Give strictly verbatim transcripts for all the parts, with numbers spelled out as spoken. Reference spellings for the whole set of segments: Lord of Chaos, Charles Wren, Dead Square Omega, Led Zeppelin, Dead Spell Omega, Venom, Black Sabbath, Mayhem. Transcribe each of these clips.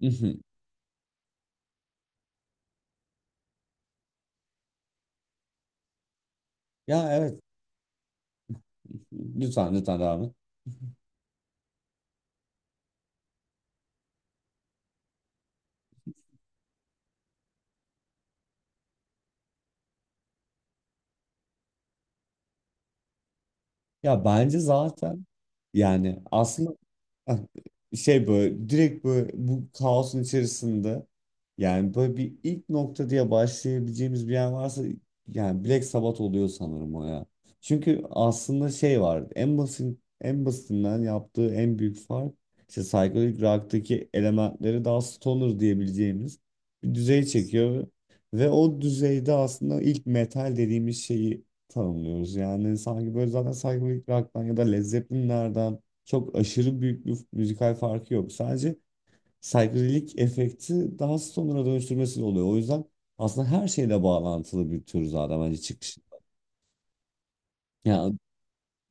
Mhm. Ya evet. Lütfen lütfen devam et. Ya bence zaten, yani aslında... Ha. Şey, böyle direkt böyle bu kaosun içerisinde, yani böyle bir ilk nokta diye başlayabileceğimiz bir yer varsa yani Black Sabbath oluyor sanırım o ya. Çünkü aslında şey var, en basit en basitinden yaptığı en büyük fark, işte psychedelic rock'taki elementleri daha stoner diyebileceğimiz bir düzey çekiyor ve o düzeyde aslında ilk metal dediğimiz şeyi tanımlıyoruz. Yani sanki böyle zaten psychedelic rock'tan ya da Led Zeppelin'lerden çok aşırı büyük bir müzikal farkı yok. Sadece psychedelic efekti daha stoner'a dönüştürmesiyle oluyor. O yüzden aslında her şeyle bağlantılı bir tür zaten bence çıkış. Yani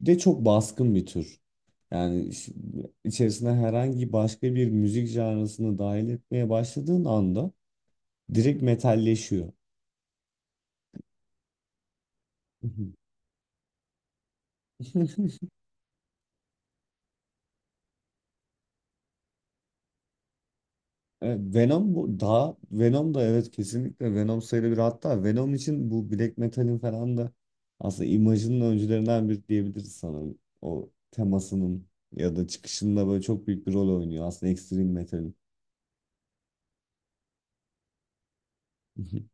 de çok baskın bir tür. Yani iş- içerisine herhangi başka bir müzik janrasını dahil etmeye başladığın anda direkt metalleşiyor. Evet, Venom bu daha, Venom da evet, kesinlikle Venom sayılabilir. Hatta Venom için bu Black Metal'in falan da aslında imajının öncülerinden biri diyebiliriz sanırım. O temasının ya da çıkışında böyle çok büyük bir rol oynuyor aslında Extreme Metal'in.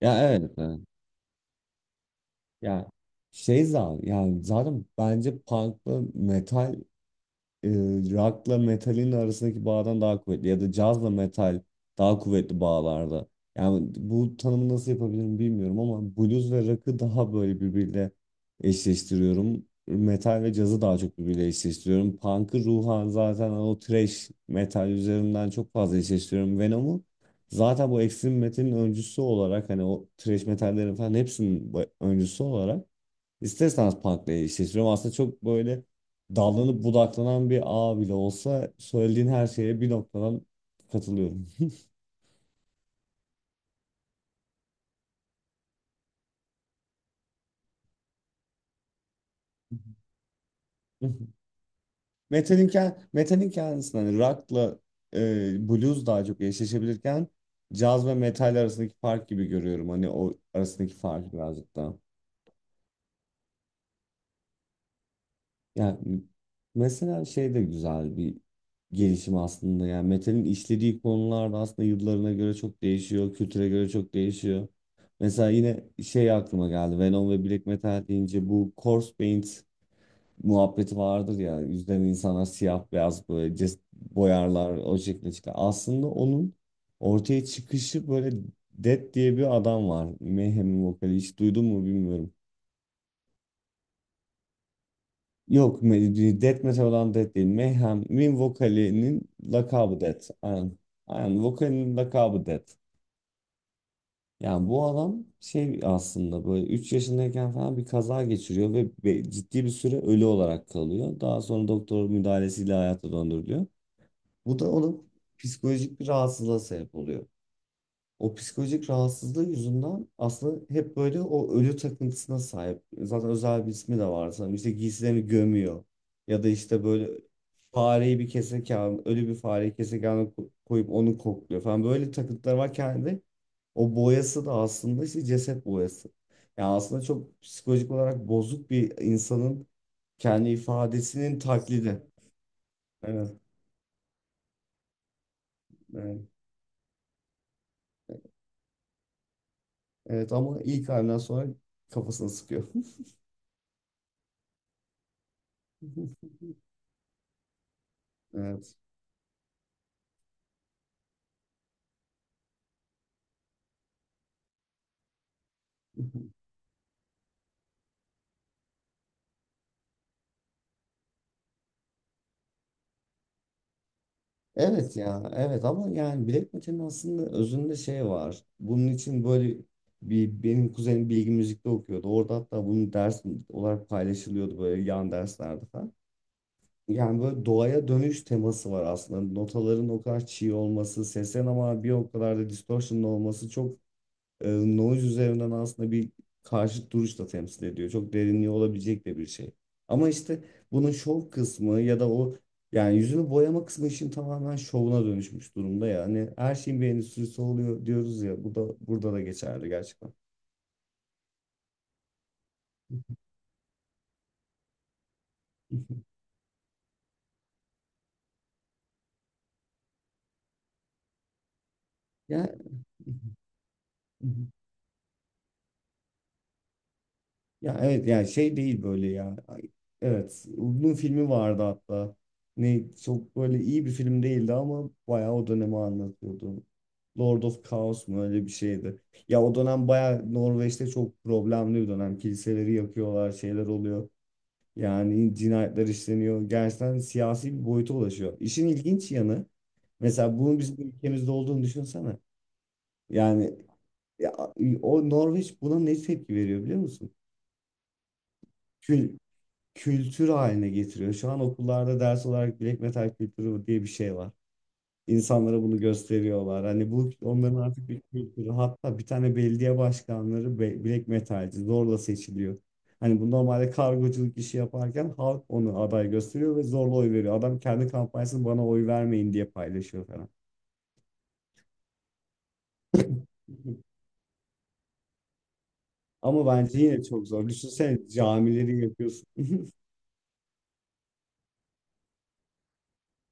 Ya evet, evet. Ya şey, zaten yani zaten bence punk'la metal, e, rock'la metalin arasındaki bağdan daha kuvvetli ya da cazla metal daha kuvvetli bağlarda. Yani bu tanımı nasıl yapabilirim bilmiyorum ama blues ve rock'ı daha böyle birbiriyle eşleştiriyorum. Metal ve cazı daha çok birbiriyle eşleştiriyorum. Punk'ı ruhan zaten o thrash metal üzerinden çok fazla eşleştiriyorum. Venom'u zaten bu extreme metalin öncüsü olarak, hani o thrash metallerin falan hepsinin bu- öncüsü olarak İsterseniz Punk'la eşleştiriyorum. Aslında çok böyle dallanıp budaklanan bir ağ bile olsa söylediğin her şeye bir noktadan katılıyorum. Metal'in, kend- metal'in kendisinde hani rock'la, e, blues daha çok eşleşebilirken caz ve metal arasındaki fark gibi görüyorum. Hani o arasındaki fark birazcık daha. Yani mesela şey de güzel bir gelişim aslında. Yani metalin işlediği konular da aslında yıllarına göre çok değişiyor, kültüre göre çok değişiyor. Mesela yine şey aklıma geldi. Venom ve Black Metal deyince bu corpse paint muhabbeti vardır ya. Yüzden insanlar siyah beyaz böyle ces- boyarlar, o şekilde çıkar. Aslında onun ortaya çıkışı böyle, Dead diye bir adam var. Mayhem'in vokali, hiç duydun mu bilmiyorum. Yok, me- Death Metal olan Death değil. Mayhem'in vokalinin lakabı Death. Aynen. Aynen. Vokalinin lakabı Death. Yani bu adam şey, aslında böyle üç yaşındayken falan bir kaza geçiriyor ve ve ciddi bir süre ölü olarak kalıyor. Daha sonra doktor müdahalesiyle hayata döndürülüyor. Bu da onun psikolojik bir rahatsızlığa sebep oluyor. O psikolojik rahatsızlığı yüzünden aslında hep böyle o ölü takıntısına sahip. Zaten özel bir ismi de var sanırım. İşte giysilerini gömüyor. Ya da işte böyle fareyi, bir kesek keserken, ölü bir fareyi keserken ko- koyup onu kokluyor falan. Böyle takıntılar var kendi. O boyası da aslında işte ceset boyası. Yani aslında çok psikolojik olarak bozuk bir insanın kendi ifadesinin taklidi. Evet, evet. Evet ama ilk halinden sonra kafasını sıkıyor. Evet. Evet ya, evet, ama yani Black Metal'in aslında özünde şey var. Bunun için, böyle bir, benim kuzenim bilgi müzikte okuyordu. Orada hatta bunun ders olarak paylaşılıyordu böyle, yan derslerde falan. Yani böyle doğaya dönüş teması var aslında. Notaların o kadar çiğ olması, seslerin ama bir o kadar da distortion'lı olması, çok e, noise üzerinden aslında bir karşıt duruş da temsil ediyor. Çok derinliği olabilecek de bir şey. Ama işte bunun şov kısmı ya da o, yani yüzünü boyama kısmı işin tamamen şovuna dönüşmüş durumda ya. Hani her şeyin bir endüstrisi oluyor diyoruz ya. Bu da, burada da geçerli gerçekten. Ya. Ya evet, yani şey değil böyle ya. Ay, evet, uzun filmi vardı hatta. Ne, çok böyle iyi bir film değildi ama bayağı o dönemi anlatıyordu. Lord of Chaos mu, öyle bir şeydi. Ya o dönem bayağı Norveç'te çok problemli bir dönem. Kiliseleri yakıyorlar, şeyler oluyor. Yani cinayetler işleniyor. Gerçekten siyasi bir boyuta ulaşıyor. İşin ilginç yanı, mesela bunun bizim ülkemizde olduğunu düşünsene. Yani ya, o Norveç buna ne tepki veriyor biliyor musun? Kül- Kültür haline getiriyor. Şu an okullarda ders olarak black metal kültürü diye bir şey var. İnsanlara bunu gösteriyorlar. Hani bu onların artık bir kültürü. Hatta bir tane belediye başkanları, be- black metalci, zorla seçiliyor. Hani bu normalde kargoculuk işi yaparken halk onu aday gösteriyor ve zorla oy veriyor. Adam kendi kampanyasını bana oy vermeyin diye paylaşıyor falan. Ama bence yine çok zor. Düşünsene, camileri yapıyorsun.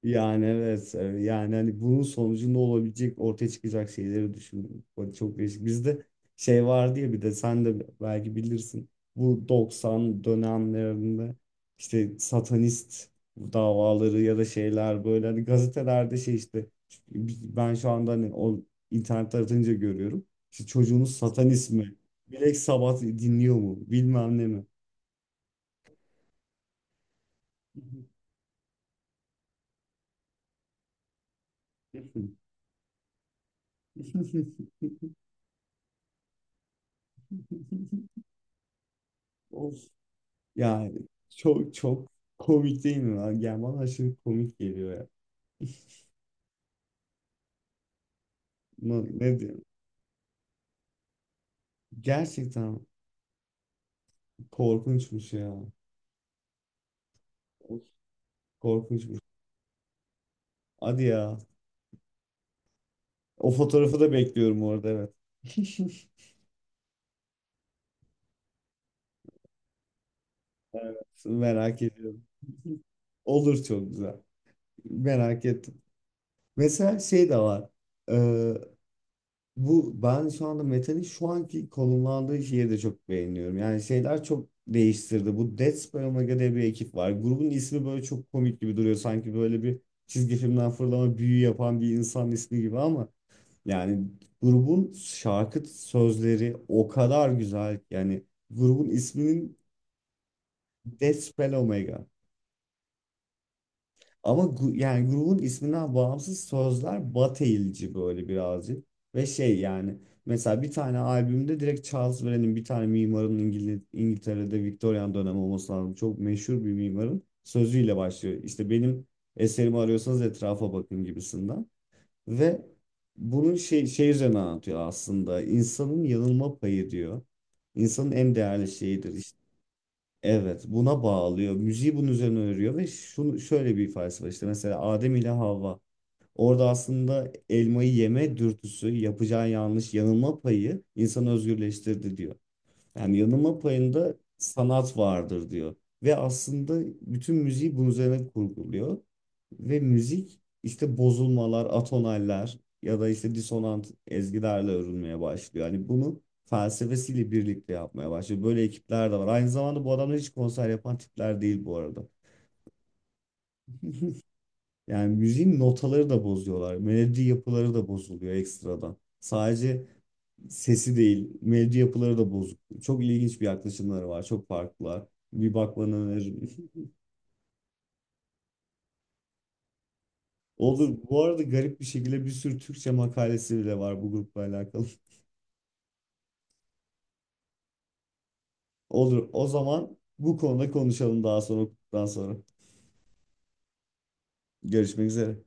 Yani evet, e, yani hani bunun sonucunda olabilecek, ortaya çıkacak şeyleri düşündüm. O çok değişik. Bizde şey vardı ya, bir de sen de belki bilirsin. Bu doksan dönemlerinde işte satanist davaları ya da şeyler, böyle hani gazetelerde, şey işte, ben şu anda hani o internet aratınca görüyorum. İşte çocuğunuz satanist mi? Black Sabbath dinliyor mu? Bilmem ne mi? Of. Yani çok çok komik değil mi lan? Yani bana aşırı komik geliyor ya. Ne, ne diyeyim? Gerçekten korkunçmuş ya. Of. Korkunçmuş. Hadi ya. O fotoğrafı da bekliyorum orada, evet. Evet, merak ediyorum. Olur, çok güzel. Merak ettim. Mesela şey de var. Ee, Bu ben şu anda metalin şu anki konumlandığı şeyi de çok beğeniyorum. Yani şeyler çok değiştirdi. Bu Dead Square Omega diye bir ekip var. Grubun ismi böyle çok komik gibi duruyor. Sanki böyle bir çizgi filmden fırlama, büyü yapan bir insan ismi gibi ama yani grubun şarkı sözleri o kadar güzel. Yani grubun isminin Dead Spell Omega. Ama gu- yani grubun isminden bağımsız, sözler bateyilci böyle birazcık. Ve şey, yani mesela bir tane albümde direkt Charles Wren'in, bir tane mimarın, İngil İngiltere'de Victorian dönemi olması lazım, çok meşhur bir mimarın sözüyle başlıyor. İşte benim eserimi arıyorsanız etrafa bakın gibisinden. Ve bunun şey, şey, üzerine anlatıyor aslında. İnsanın yanılma payı diyor. İnsanın en değerli şeyidir. İşte, evet, buna bağlıyor. Müziği bunun üzerine örüyor ve şunu, şöyle bir ifadesi var, işte mesela Adem ile Havva. Orada aslında elmayı yeme dürtüsü, yapacağı yanlış, yanılma payı insanı özgürleştirdi diyor. Yani yanılma payında sanat vardır diyor. Ve aslında bütün müziği bunun üzerine kurguluyor. Ve müzik işte bozulmalar, atonaller ya da işte disonant ezgilerle örülmeye başlıyor. Hani bunu felsefesiyle birlikte yapmaya başlıyor. Böyle ekipler de var. Aynı zamanda bu adamlar hiç konser yapan tipler değil bu arada. Yani müziğin notaları da bozuyorlar. Melodi yapıları da bozuluyor ekstradan. Sadece sesi değil, melodi yapıları da bozuk. Çok ilginç bir yaklaşımları var. Çok farklılar. Bir bakmanı öneririm. Olur. Bu arada garip bir şekilde bir sürü Türkçe makalesi bile var bu grupla alakalı. Olur. O zaman bu konuda konuşalım daha sonra, daha sonra. Görüşmek üzere.